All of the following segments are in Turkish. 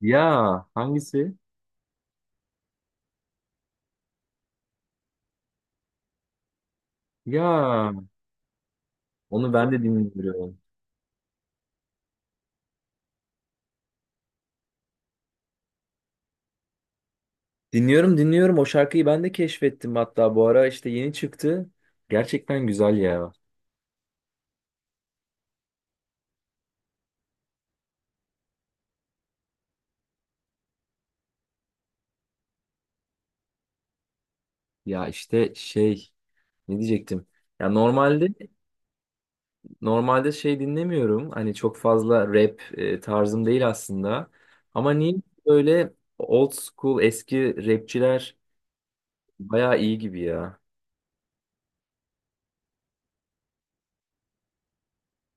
Ya hangisi? Ya onu ben de dinliyorum. Dinliyorum o şarkıyı ben de keşfettim, hatta bu ara işte yeni çıktı. Gerçekten güzel ya. Ya işte ne diyecektim? Ya normalde şey dinlemiyorum. Hani çok fazla rap tarzım değil aslında. Ama niye böyle old school eski rapçiler bayağı iyi gibi ya.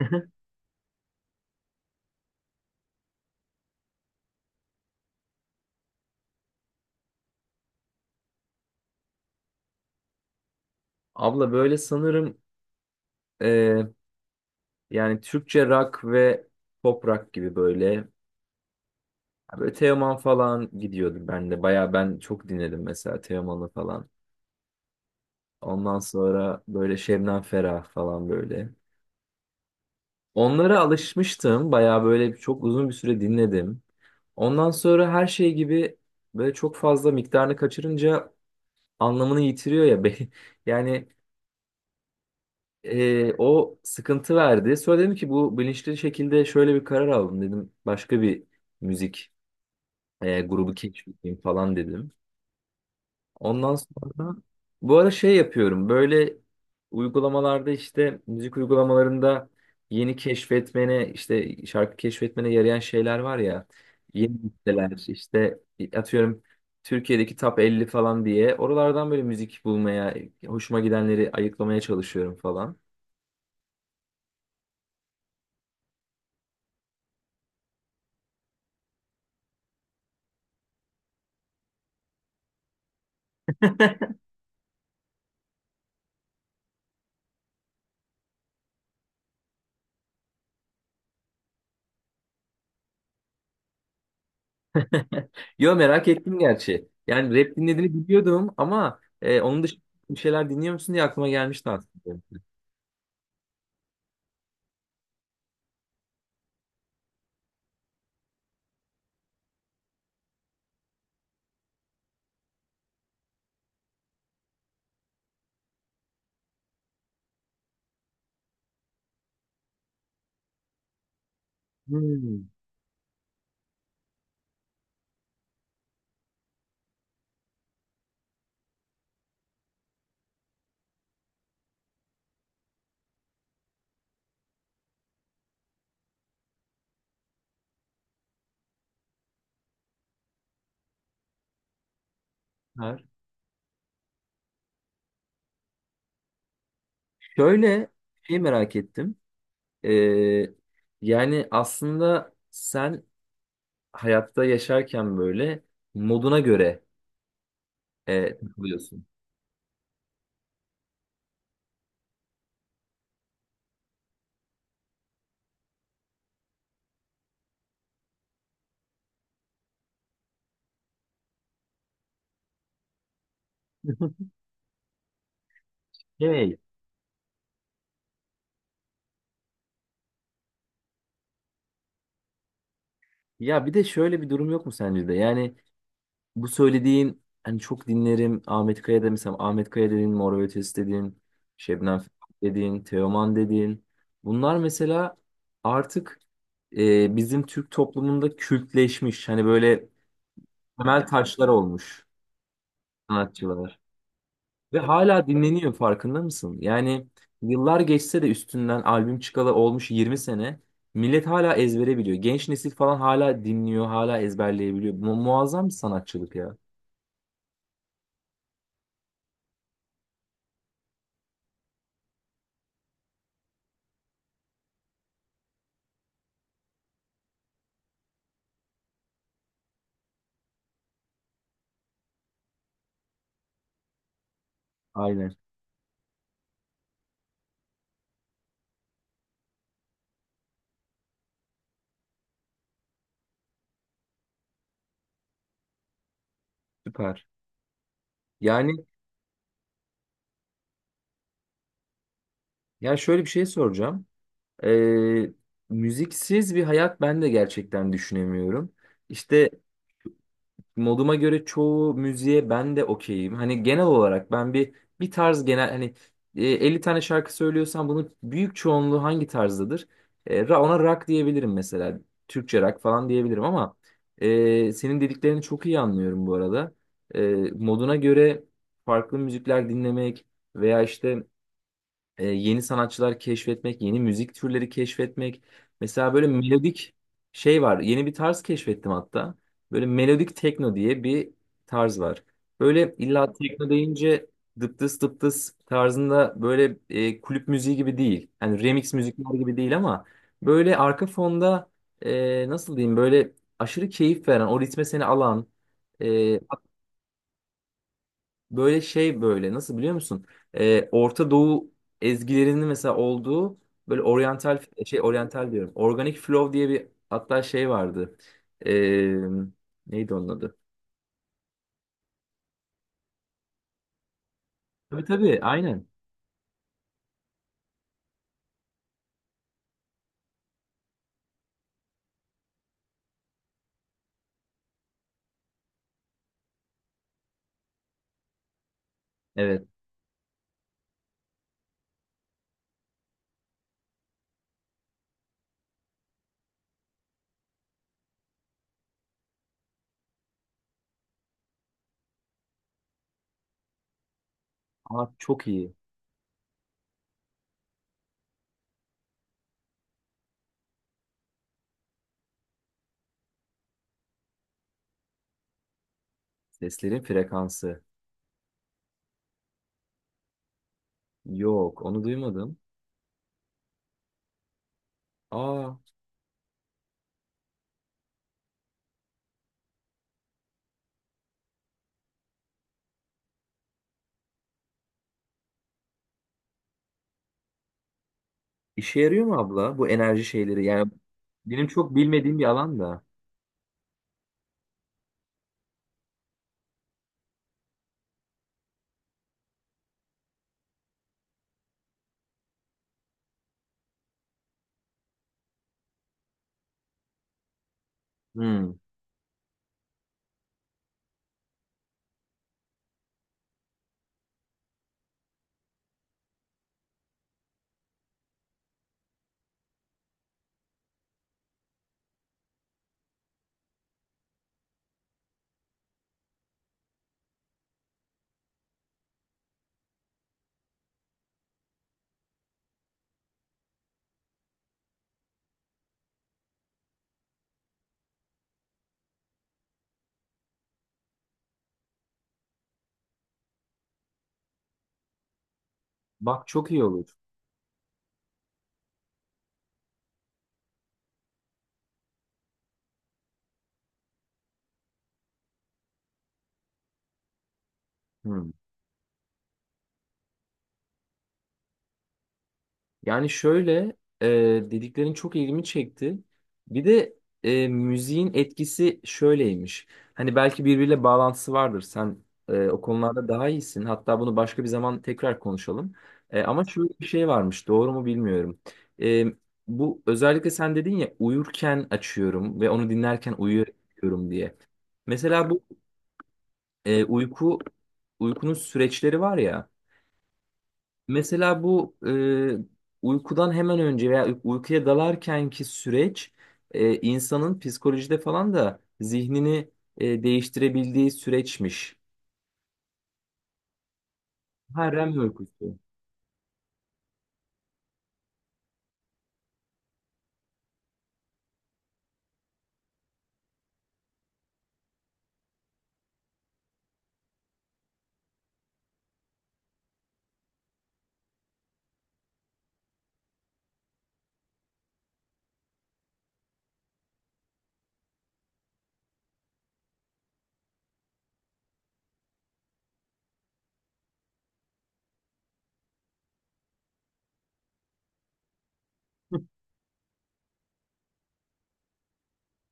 Abla böyle sanırım e, yani Türkçe rock ve pop rock gibi böyle. Ya böyle Teoman falan gidiyordu ben de. Baya ben çok dinledim mesela Teoman'ı falan. Ondan sonra böyle Şebnem Ferah falan böyle. Onlara alışmıştım. Baya böyle çok uzun bir süre dinledim. Ondan sonra her şey gibi böyle çok fazla miktarını kaçırınca anlamını yitiriyor ya. Yani o sıkıntı verdi. Sonra dedim ki bu, bilinçli şekilde şöyle bir karar aldım dedim. Başka bir müzik grubu keşfedeyim falan dedim. Ondan sonra bu ara şey yapıyorum. Böyle uygulamalarda, işte müzik uygulamalarında yeni keşfetmene, işte şarkı keşfetmene yarayan şeyler var ya. Yeni listeler işte, atıyorum Türkiye'deki top 50 falan diye, oralardan böyle müzik bulmaya, hoşuma gidenleri ayıklamaya çalışıyorum falan. Yo, merak ettim gerçi. Yani rap dinlediğini biliyordum ama onun dışında bir şeyler dinliyor musun diye aklıma gelmişti aslında. Hmm. Var. Şöyle şey merak ettim. Ee, yani aslında sen hayatta yaşarken böyle moduna göre takılıyorsun. Evet. Ya bir de şöyle bir durum yok mu sence de? Yani bu söylediğin, hani çok dinlerim Ahmet Kaya da, mesela Ahmet Kaya dedin, Mor ve Ötesi dedin, Şebnem Ferah dedin, Teoman dedin. Bunlar mesela artık bizim Türk toplumunda kültleşmiş. Hani böyle temel taşlar olmuş sanatçılara. Ve hala dinleniyor, farkında mısın? Yani yıllar geçse de, üstünden albüm çıkalı olmuş 20 sene, millet hala ezbere biliyor. Genç nesil falan hala dinliyor, hala ezberleyebiliyor. Muazzam bir sanatçılık ya. Aynen. Süper. Yani ya, şöyle bir şey soracağım. Ee, müziksiz bir hayat ben de gerçekten düşünemiyorum. İşte moduma göre çoğu müziğe ben de okeyim. Hani genel olarak ben bir tarz, genel hani 50 tane şarkı söylüyorsam bunun büyük çoğunluğu hangi tarzdadır? Ona rock diyebilirim mesela. Türkçe rock falan diyebilirim, ama senin dediklerini çok iyi anlıyorum bu arada. E, Moduna göre farklı müzikler dinlemek, veya işte yeni sanatçılar keşfetmek, yeni müzik türleri keşfetmek. Mesela böyle melodik şey var. Yeni bir tarz keşfettim hatta. Böyle melodik tekno diye bir tarz var. Böyle illa tekno deyince dıptıs dıptıs tarzında böyle kulüp müziği gibi değil. Yani remix müzikler gibi değil, ama böyle arka fonda nasıl diyeyim, böyle aşırı keyif veren, o ritme seni alan. Böyle şey, böyle, nasıl biliyor musun? Orta Doğu ezgilerinin mesela olduğu böyle oryantal şey, oryantal diyorum. Organic Flow diye bir hatta şey vardı. Ee, neydi onun adı? Tabii tabii, aynen. Evet. Aa, çok iyi. Seslerin frekansı. Yok, onu duymadım. Aa, işe yarıyor mu abla bu enerji şeyleri? Yani benim çok bilmediğim bir alan da. Hmm. Bak, çok iyi olur. Hmm. Yani şöyle e, dediklerin çok ilgimi çekti. Bir de müziğin etkisi şöyleymiş. Hani belki birbiriyle bağlantısı vardır. Sen o konularda daha iyisin. Hatta bunu başka bir zaman tekrar konuşalım. Ama şöyle bir şey varmış. Doğru mu bilmiyorum. E, Bu, özellikle sen dedin ya uyurken açıyorum ve onu dinlerken uyuyorum diye. Mesela bu e, uyku uykunun süreçleri var ya. Mesela bu uykudan hemen önce veya uykuya dalarkenki süreç insanın psikolojide falan da zihnini değiştirebildiği süreçmiş. Ha, REM uykusu.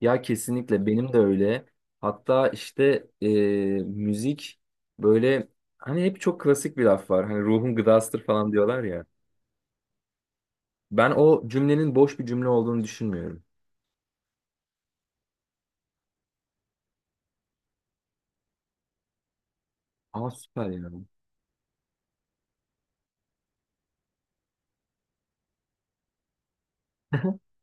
Ya kesinlikle benim de öyle. Hatta işte müzik böyle, hani hep çok klasik bir laf var. Hani ruhun gıdasıdır falan diyorlar ya. Ben o cümlenin boş bir cümle olduğunu düşünmüyorum. Aa, süper yani.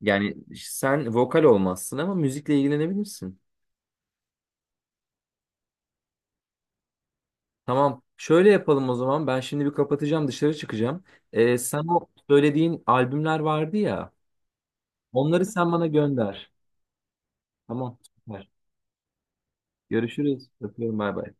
Yani sen vokal olmazsın ama müzikle ilgilenebilirsin. Tamam. Şöyle yapalım o zaman. Ben şimdi bir kapatacağım, dışarı çıkacağım. Sen o söylediğin albümler vardı ya. Onları sen bana gönder. Tamam. Süper. Görüşürüz. Öpüyorum. Bay bay.